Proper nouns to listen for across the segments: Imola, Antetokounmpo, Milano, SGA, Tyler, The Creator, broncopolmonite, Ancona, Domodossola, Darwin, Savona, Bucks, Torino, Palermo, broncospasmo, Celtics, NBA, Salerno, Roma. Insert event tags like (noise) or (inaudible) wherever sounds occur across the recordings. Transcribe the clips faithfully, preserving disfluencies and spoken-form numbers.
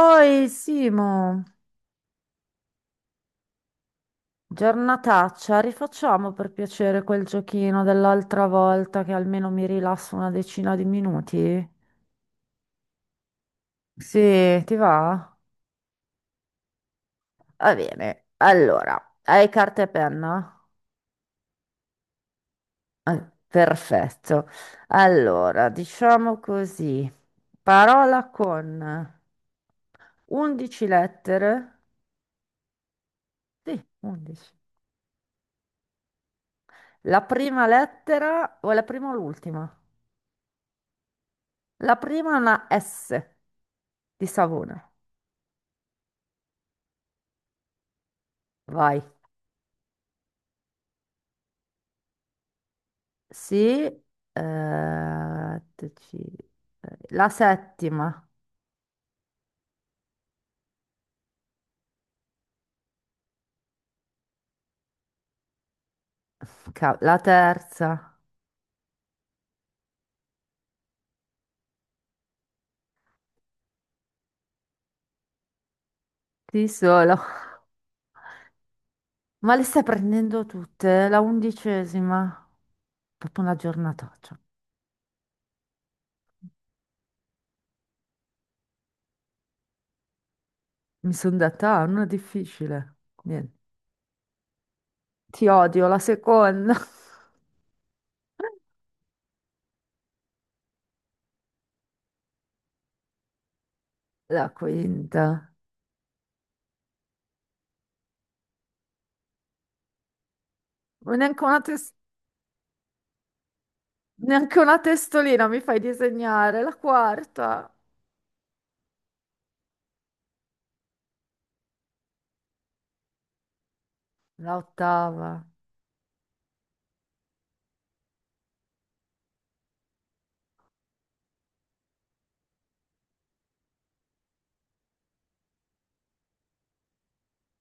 Oi Simo, giornataccia, rifacciamo per piacere quel giochino dell'altra volta che almeno mi rilasso una decina di minuti? Sì, ti va? Va bene. Allora, hai carta e penna? Ah, perfetto. Allora, diciamo così. Parola con undici lettere. Sì, undici. La prima lettera o la prima o l'ultima? La prima è una S di Savona. Vai. Sì, eh, attici- eh, la settima, (laughs) ca- la terza, sì solo. Ma le stai prendendo tutte? La undicesima, proprio una giornataccia. Mi sono detta, ah, non è difficile. Niente. Ti odio, la seconda, (laughs) la quinta. Ma Neanche una, tes- neanche una testolina mi fai disegnare, la quarta, la ottava,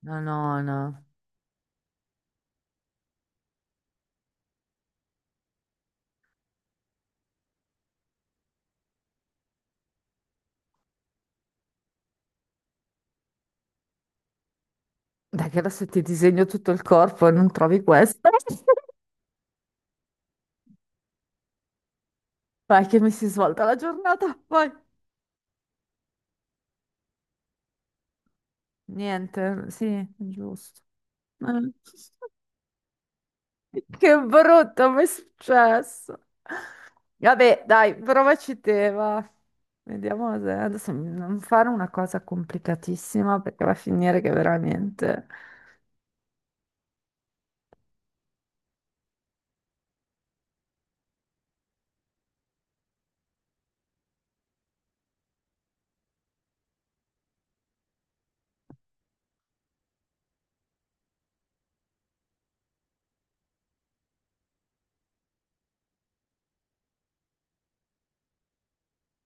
la nona. Dai, che adesso ti disegno tutto il corpo e non trovi questo. (laughs) Vai, che mi si svolta la giornata. Poi, niente, sì, giusto. (laughs) Eh. Che brutto, mi è successo. Vabbè, dai, provaci te, va. Vediamo se adesso non fare una cosa complicatissima perché va a finire che veramente.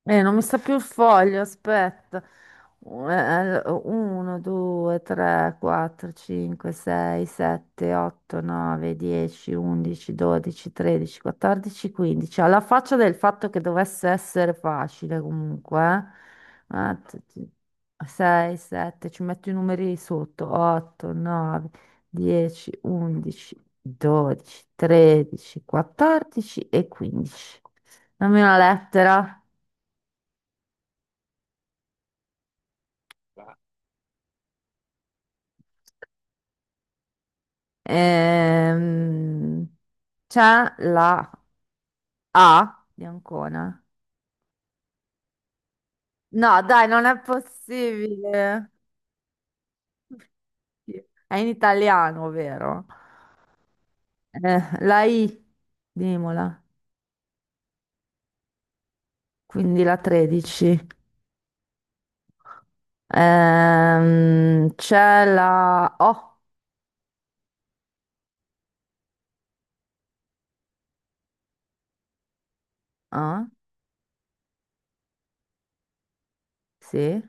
Eh, non mi sta più il foglio, aspetta. Eh, uno, due, tre, quattro, cinque, sei, sette, otto, nove, dieci, undici, dodici, tredici, quattordici, quindici. Alla faccia del fatto che dovesse essere facile comunque. sei, sette, ci metto i numeri sotto. otto, nove, dieci, undici, dodici, tredici, quattordici e quindici. Dammi una lettera. Ehm, C'è la A di Ancona. No, dai, non è possibile. È in italiano, vero? Eh, la I di Imola, quindi la tredici. Ehm, c'è la O. Ah, sì,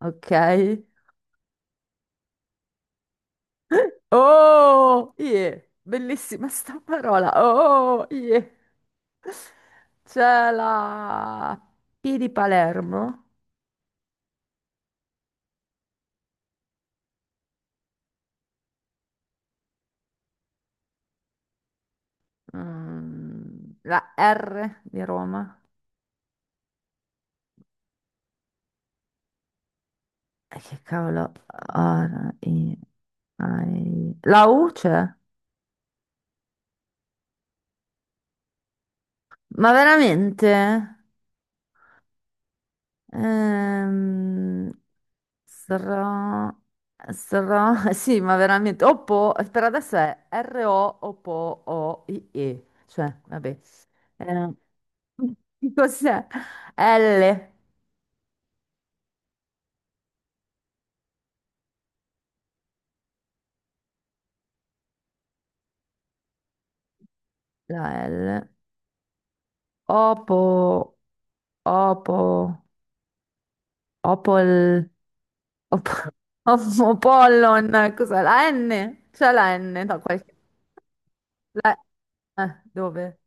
ok. (laughs) Oh, yeah. Bellissima sta parola. Oh, yeah. C'è la P di Palermo, mm, la R di Roma. E che cavolo, R, I, I- la U c'è? Ma veramente? Ehm, sra, sra- (laughs) sì, ma veramente. Oppo, per adesso è R-O, Oppo, O-I-E. Cioè, vabbè. Eh, (laughs) cos'è? L, la L. Opo, opo, opol, op, (laughs) op- opollon, cos'è? La N? C'è la N? No, qualche... La, eh, dove?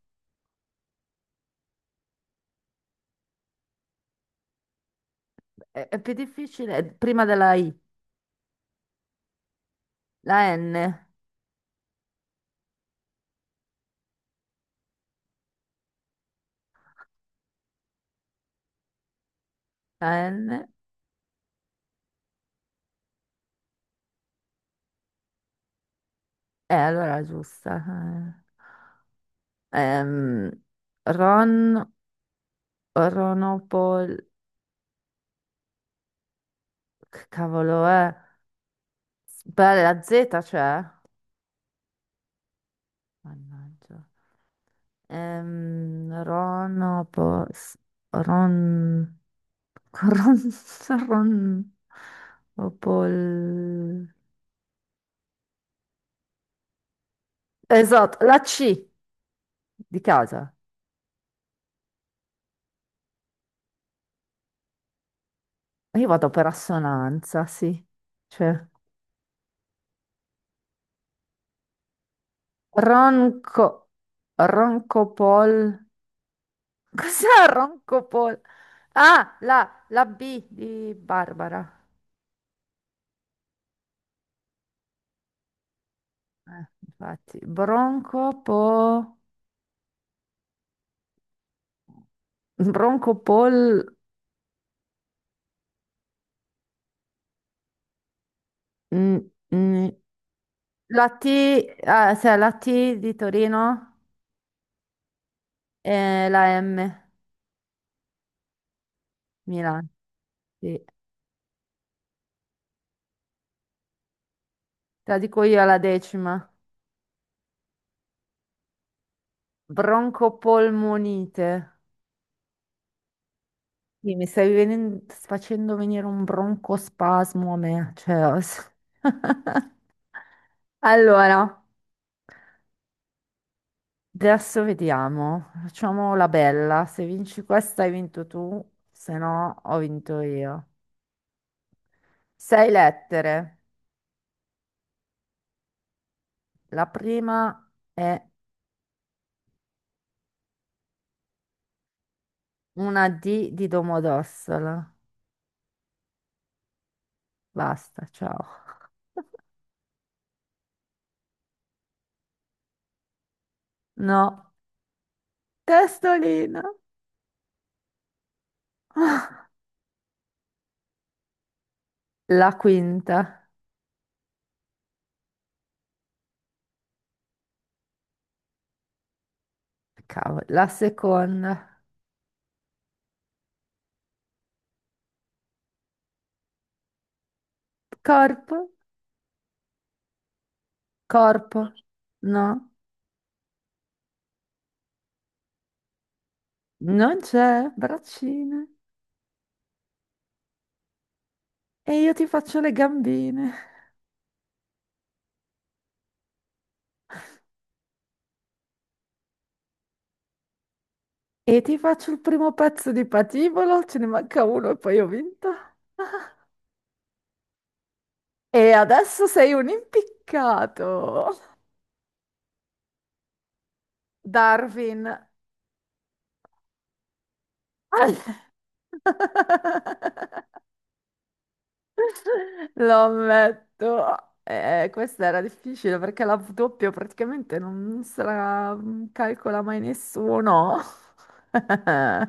È, è più difficile, è prima della I. La N, la N, eh, allora è giusta. Eh. Ehm, Ron, Ronopol, che cavolo è? Beh, la Z c'è? Mannaggia. Ehm, Ronopos, Ron, Ron, (laughs) Ron, Opol. Esatto, la C di casa. Io vado per assonanza, sì. Cioè, Ronco, Roncopol. (laughs) Cos'è Roncopol? Ah, la, la B di Barbara. Eh, infatti, Broncopo, Broncopol. Mm, mm. La T, ah, cioè la T di Torino e la M, Milano. Sì. Te la dico io alla decima. Broncopolmonite. Sì, mi stai venen- facendo venire un broncospasmo a me, cioè. (laughs) Allora, adesso vediamo. Facciamo la bella. Se vinci questa hai vinto tu, se no ho vinto io. Sei lettere. La prima è una D di Domodossola. Basta, ciao. No, testolina. La quinta. Cavolo, la seconda. Corpo, corpo. No, non c'è. Braccine. E io ti faccio le gambine. E ti faccio il primo pezzo di patibolo. Ce ne manca uno e poi ho vinto. E adesso sei un impiccato. Darwin. (laughs) Lo ammetto. Eh, eh, questa era difficile perché la W doppio praticamente non se la mm, calcola mai nessuno. (laughs) Però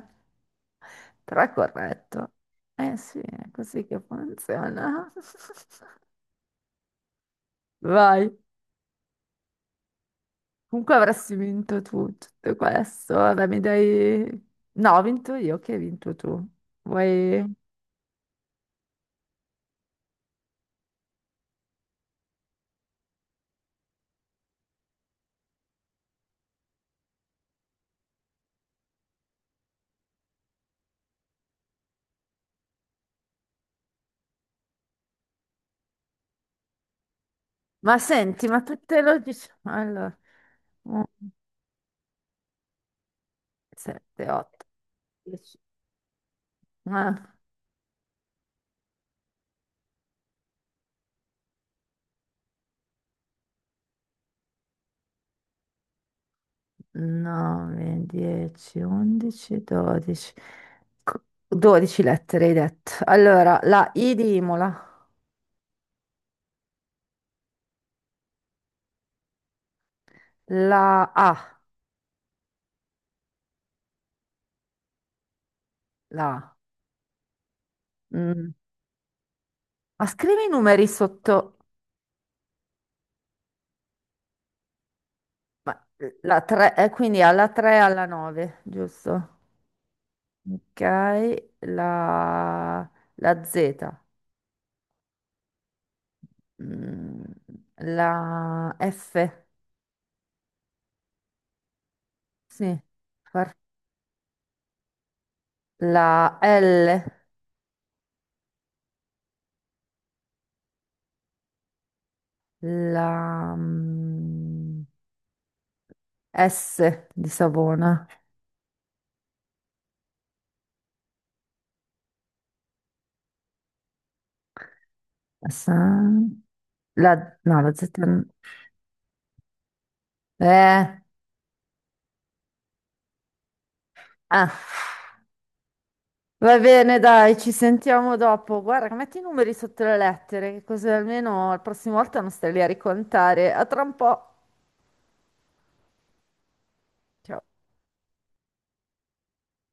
è corretto. Eh sì, è così che funziona. (laughs) Vai. Comunque avresti vinto tu tutto questo. Vabbè, mi dai... No, ho vinto io, che hai vinto tu. Vuoi... Ma senti, ma tutte lo dici... Allora, sette, otto, dieci. nove, dieci, undici, dodici. Co- dodici lettere hai detto. Allora, la I di Imola, la A, la A. Mm. Ma scrivi i numeri sotto ma, eh, la tre, eh, quindi alla tre alla nove, giusto? Ok, la, la Z. Mm, la F, sì, Far- la L, la mm, S di Savona. S- la, no, la Z. n- Eh, ah. Va bene, dai, ci sentiamo dopo. Guarda, metti i numeri sotto le lettere, così almeno la prossima volta non stai lì a ricontare. A tra un po'. Ciao.